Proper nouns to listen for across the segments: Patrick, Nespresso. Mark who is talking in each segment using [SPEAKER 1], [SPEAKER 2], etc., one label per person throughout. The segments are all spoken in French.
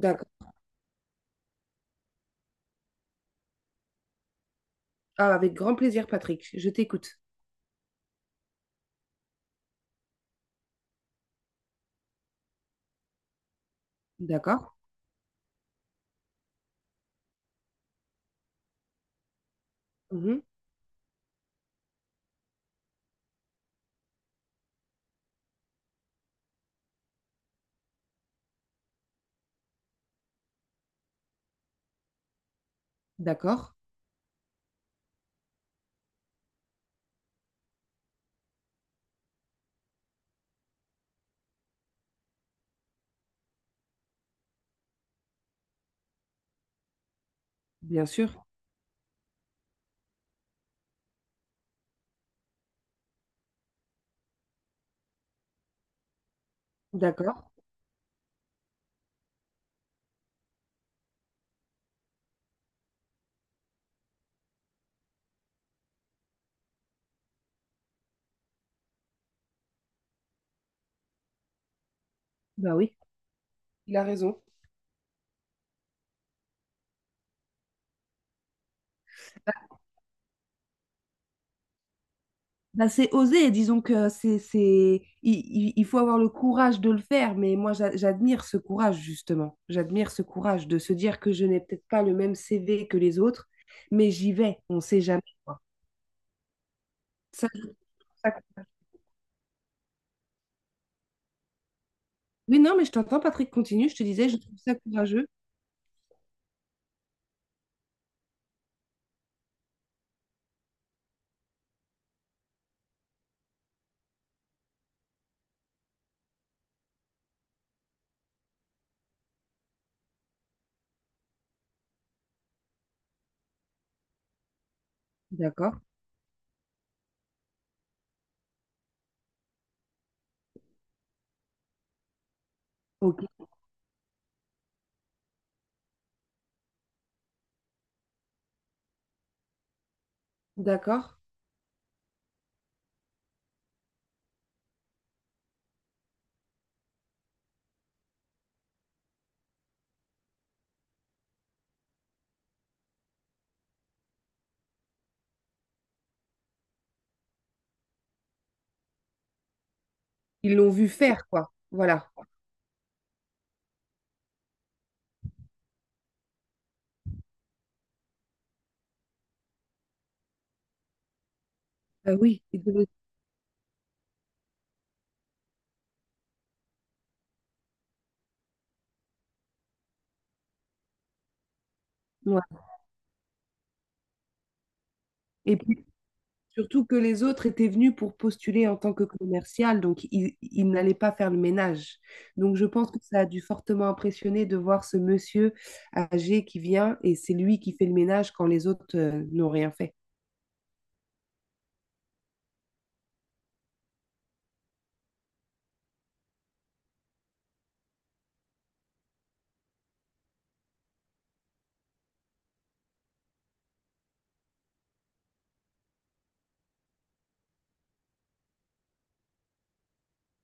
[SPEAKER 1] D'accord. Ah, avec grand plaisir, Patrick. Je t'écoute. D'accord. Mhm. D'accord. Bien sûr. D'accord. Bah oui. Il a raison. Bah, c'est oser, disons que c'est, c'est il faut avoir le courage de le faire, mais moi j'admire ce courage, justement. J'admire ce courage de se dire que je n'ai peut-être pas le même CV que les autres, mais j'y vais, on ne sait jamais. Quoi. Ça, je trouve ça- Oui, non, mais je t'entends, Patrick, continue, je te disais, je trouve ça courageux. D'accord, ok, d'accord. Ils l'ont vu faire, quoi. Voilà. Bah oui. Ouais. Et puis surtout que les autres étaient venus pour postuler en tant que commercial, donc ils n'allaient pas faire le ménage. Donc je pense que ça a dû fortement impressionner de voir ce monsieur âgé qui vient et c'est lui qui fait le ménage quand les autres n'ont rien fait.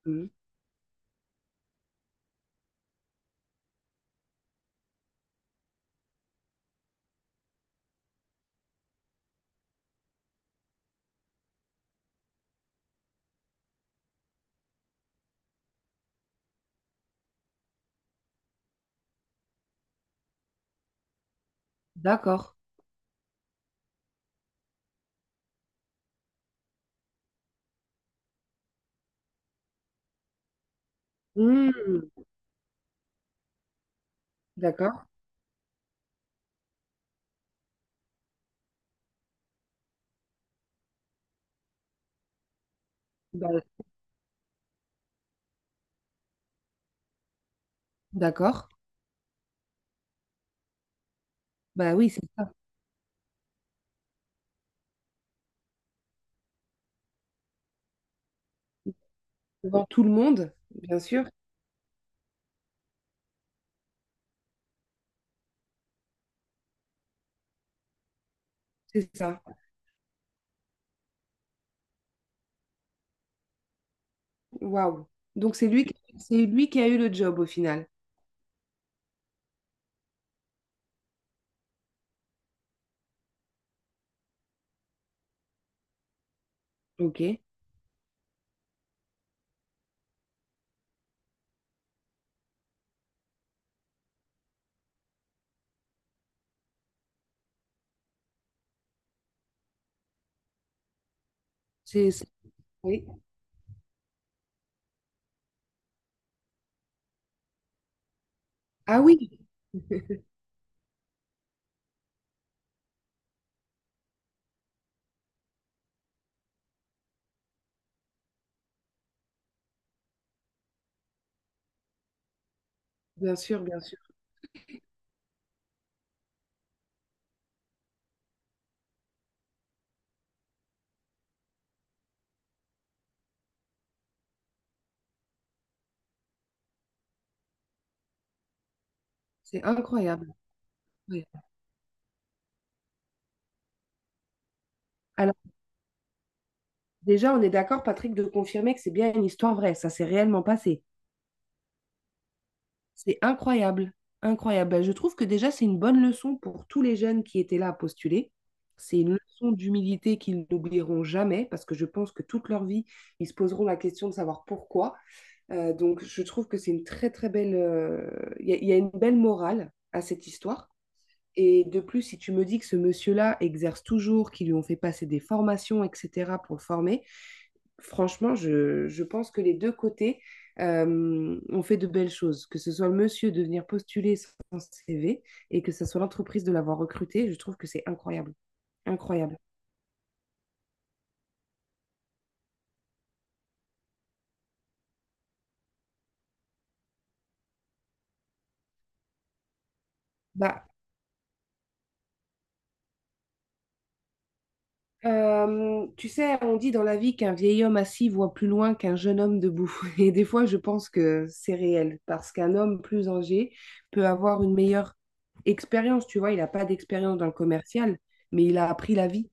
[SPEAKER 1] Mhm. D'accord. Mhm. D'accord. Bah, d'accord. Bah oui, c'est ça. Devant tout le monde, bien sûr, c'est ça. Waouh. C'est lui qui a eu le job au final. Ok. C'est, c'est- oui. Ah oui, bien sûr, bien sûr. C'est incroyable. Incroyable. Alors, déjà, on est d'accord, Patrick, de confirmer que c'est bien une histoire vraie. Ça s'est réellement passé. C'est incroyable. Incroyable. Ben, je trouve que déjà, c'est une bonne leçon pour tous les jeunes qui étaient là à postuler. C'est une leçon d'humilité qu'ils n'oublieront jamais parce que je pense que toute leur vie, ils se poseront la question de savoir pourquoi. Donc, je trouve que c'est une très, très belle. Il y a une belle morale à cette histoire. Et de plus, si tu me dis que ce monsieur-là exerce toujours, qu'ils lui ont fait passer des formations, etc., pour le former, franchement, je pense que les deux côtés ont fait de belles choses. Que ce soit le monsieur de venir postuler son CV et que ce soit l'entreprise de l'avoir recruté, je trouve que c'est incroyable. Incroyable. Bah, tu sais, on dit dans la vie qu'un vieil homme assis voit plus loin qu'un jeune homme debout. Et des fois, je pense que c'est réel parce qu'un homme plus âgé peut avoir une meilleure expérience. Tu vois, il n'a pas d'expérience dans le commercial, mais il a appris la vie.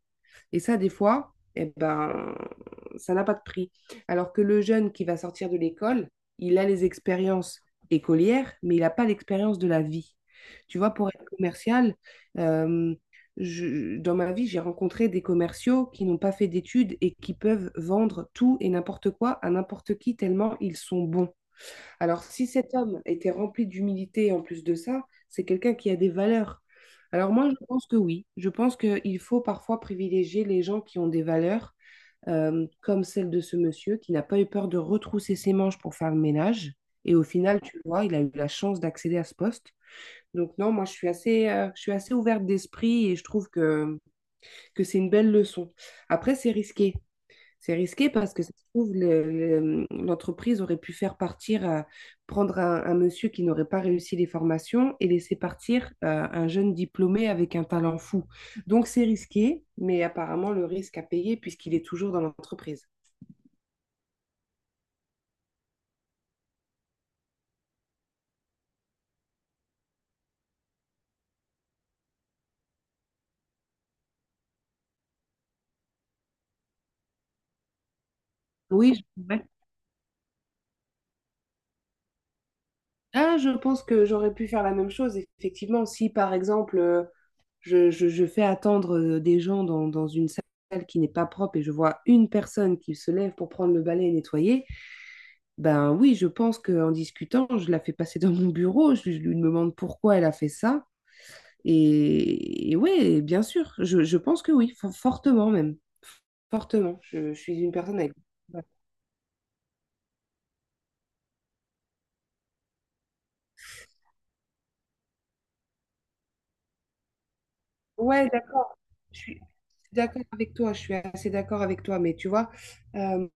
[SPEAKER 1] Et ça, des fois, eh ben, ça n'a pas de prix. Alors que le jeune qui va sortir de l'école, il a les expériences écolières, mais il n'a pas l'expérience de la vie. Tu vois, pour être commercial, euh, dans ma vie, j'ai rencontré des commerciaux qui n'ont pas fait d'études et qui peuvent vendre tout et n'importe quoi à n'importe qui tellement ils sont bons. Alors, si cet homme était rempli d'humilité en plus de ça, c'est quelqu'un qui a des valeurs. Alors moi, je pense que oui. Je pense qu'il faut parfois privilégier les gens qui ont des valeurs, comme celle de ce monsieur qui n'a pas eu peur de retrousser ses manches pour faire le ménage. Et au final, tu vois, il a eu la chance d'accéder à ce poste. Donc non, moi, je suis assez ouverte d'esprit et je trouve que c'est une belle leçon. Après, c'est risqué. C'est risqué parce que ça se trouve, l'entreprise aurait pu faire partir, prendre un monsieur qui n'aurait pas réussi les formations et laisser partir un jeune diplômé avec un talent fou. Donc c'est risqué, mais apparemment le risque à payer puisqu'il est toujours dans l'entreprise. Oui, je- Ah, je pense que j'aurais pu faire la même chose, effectivement, si par exemple je fais attendre des gens dans, dans une salle qui n'est pas propre et je vois une personne qui se lève pour prendre le balai et nettoyer, ben oui, je pense qu'en discutant, je la fais passer dans mon bureau, je lui demande pourquoi elle a fait ça. Et ouais, bien sûr, je pense que oui, fortement même, fortement. Je suis une personne avec... Ouais, d'accord, je suis d'accord avec toi, je suis assez d'accord avec toi, mais tu vois... euh,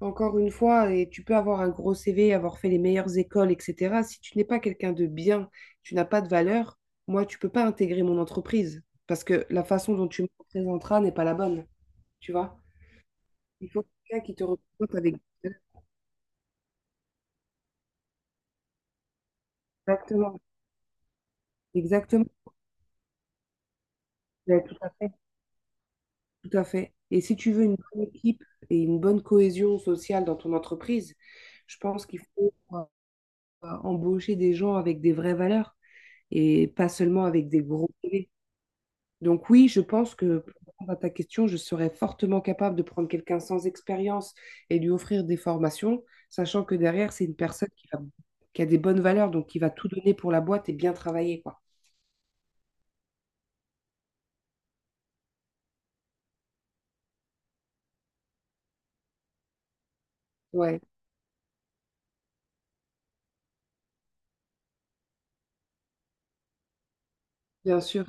[SPEAKER 1] Encore une fois, et tu peux avoir un gros CV, avoir fait les meilleures écoles, etc. Si tu n'es pas quelqu'un de bien, tu n'as pas de valeur, moi, tu peux pas intégrer mon entreprise parce que la façon dont tu me présenteras n'est pas la bonne, tu vois. Il faut quelqu'un qui te représente avec... Exactement, exactement. Ouais, tout à fait, tout à fait. Et si tu veux une bonne équipe et une bonne cohésion sociale dans ton entreprise, je pense qu'il faut embaucher des gens avec des vraies valeurs et pas seulement avec des gros CV. Donc oui, je pense que pour répondre à ta question, je serais fortement capable de prendre quelqu'un sans expérience et lui offrir des formations, sachant que derrière, c'est une personne qui a des bonnes valeurs, donc qui va tout donner pour la boîte et bien travailler, quoi. Ouais, bien sûr,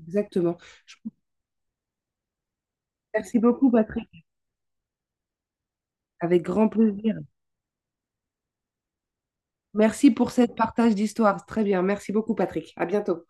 [SPEAKER 1] exactement. Je- Merci beaucoup, Patrick. Avec grand plaisir. Merci pour cette partage d'histoire. Très bien. Merci beaucoup, Patrick. À bientôt.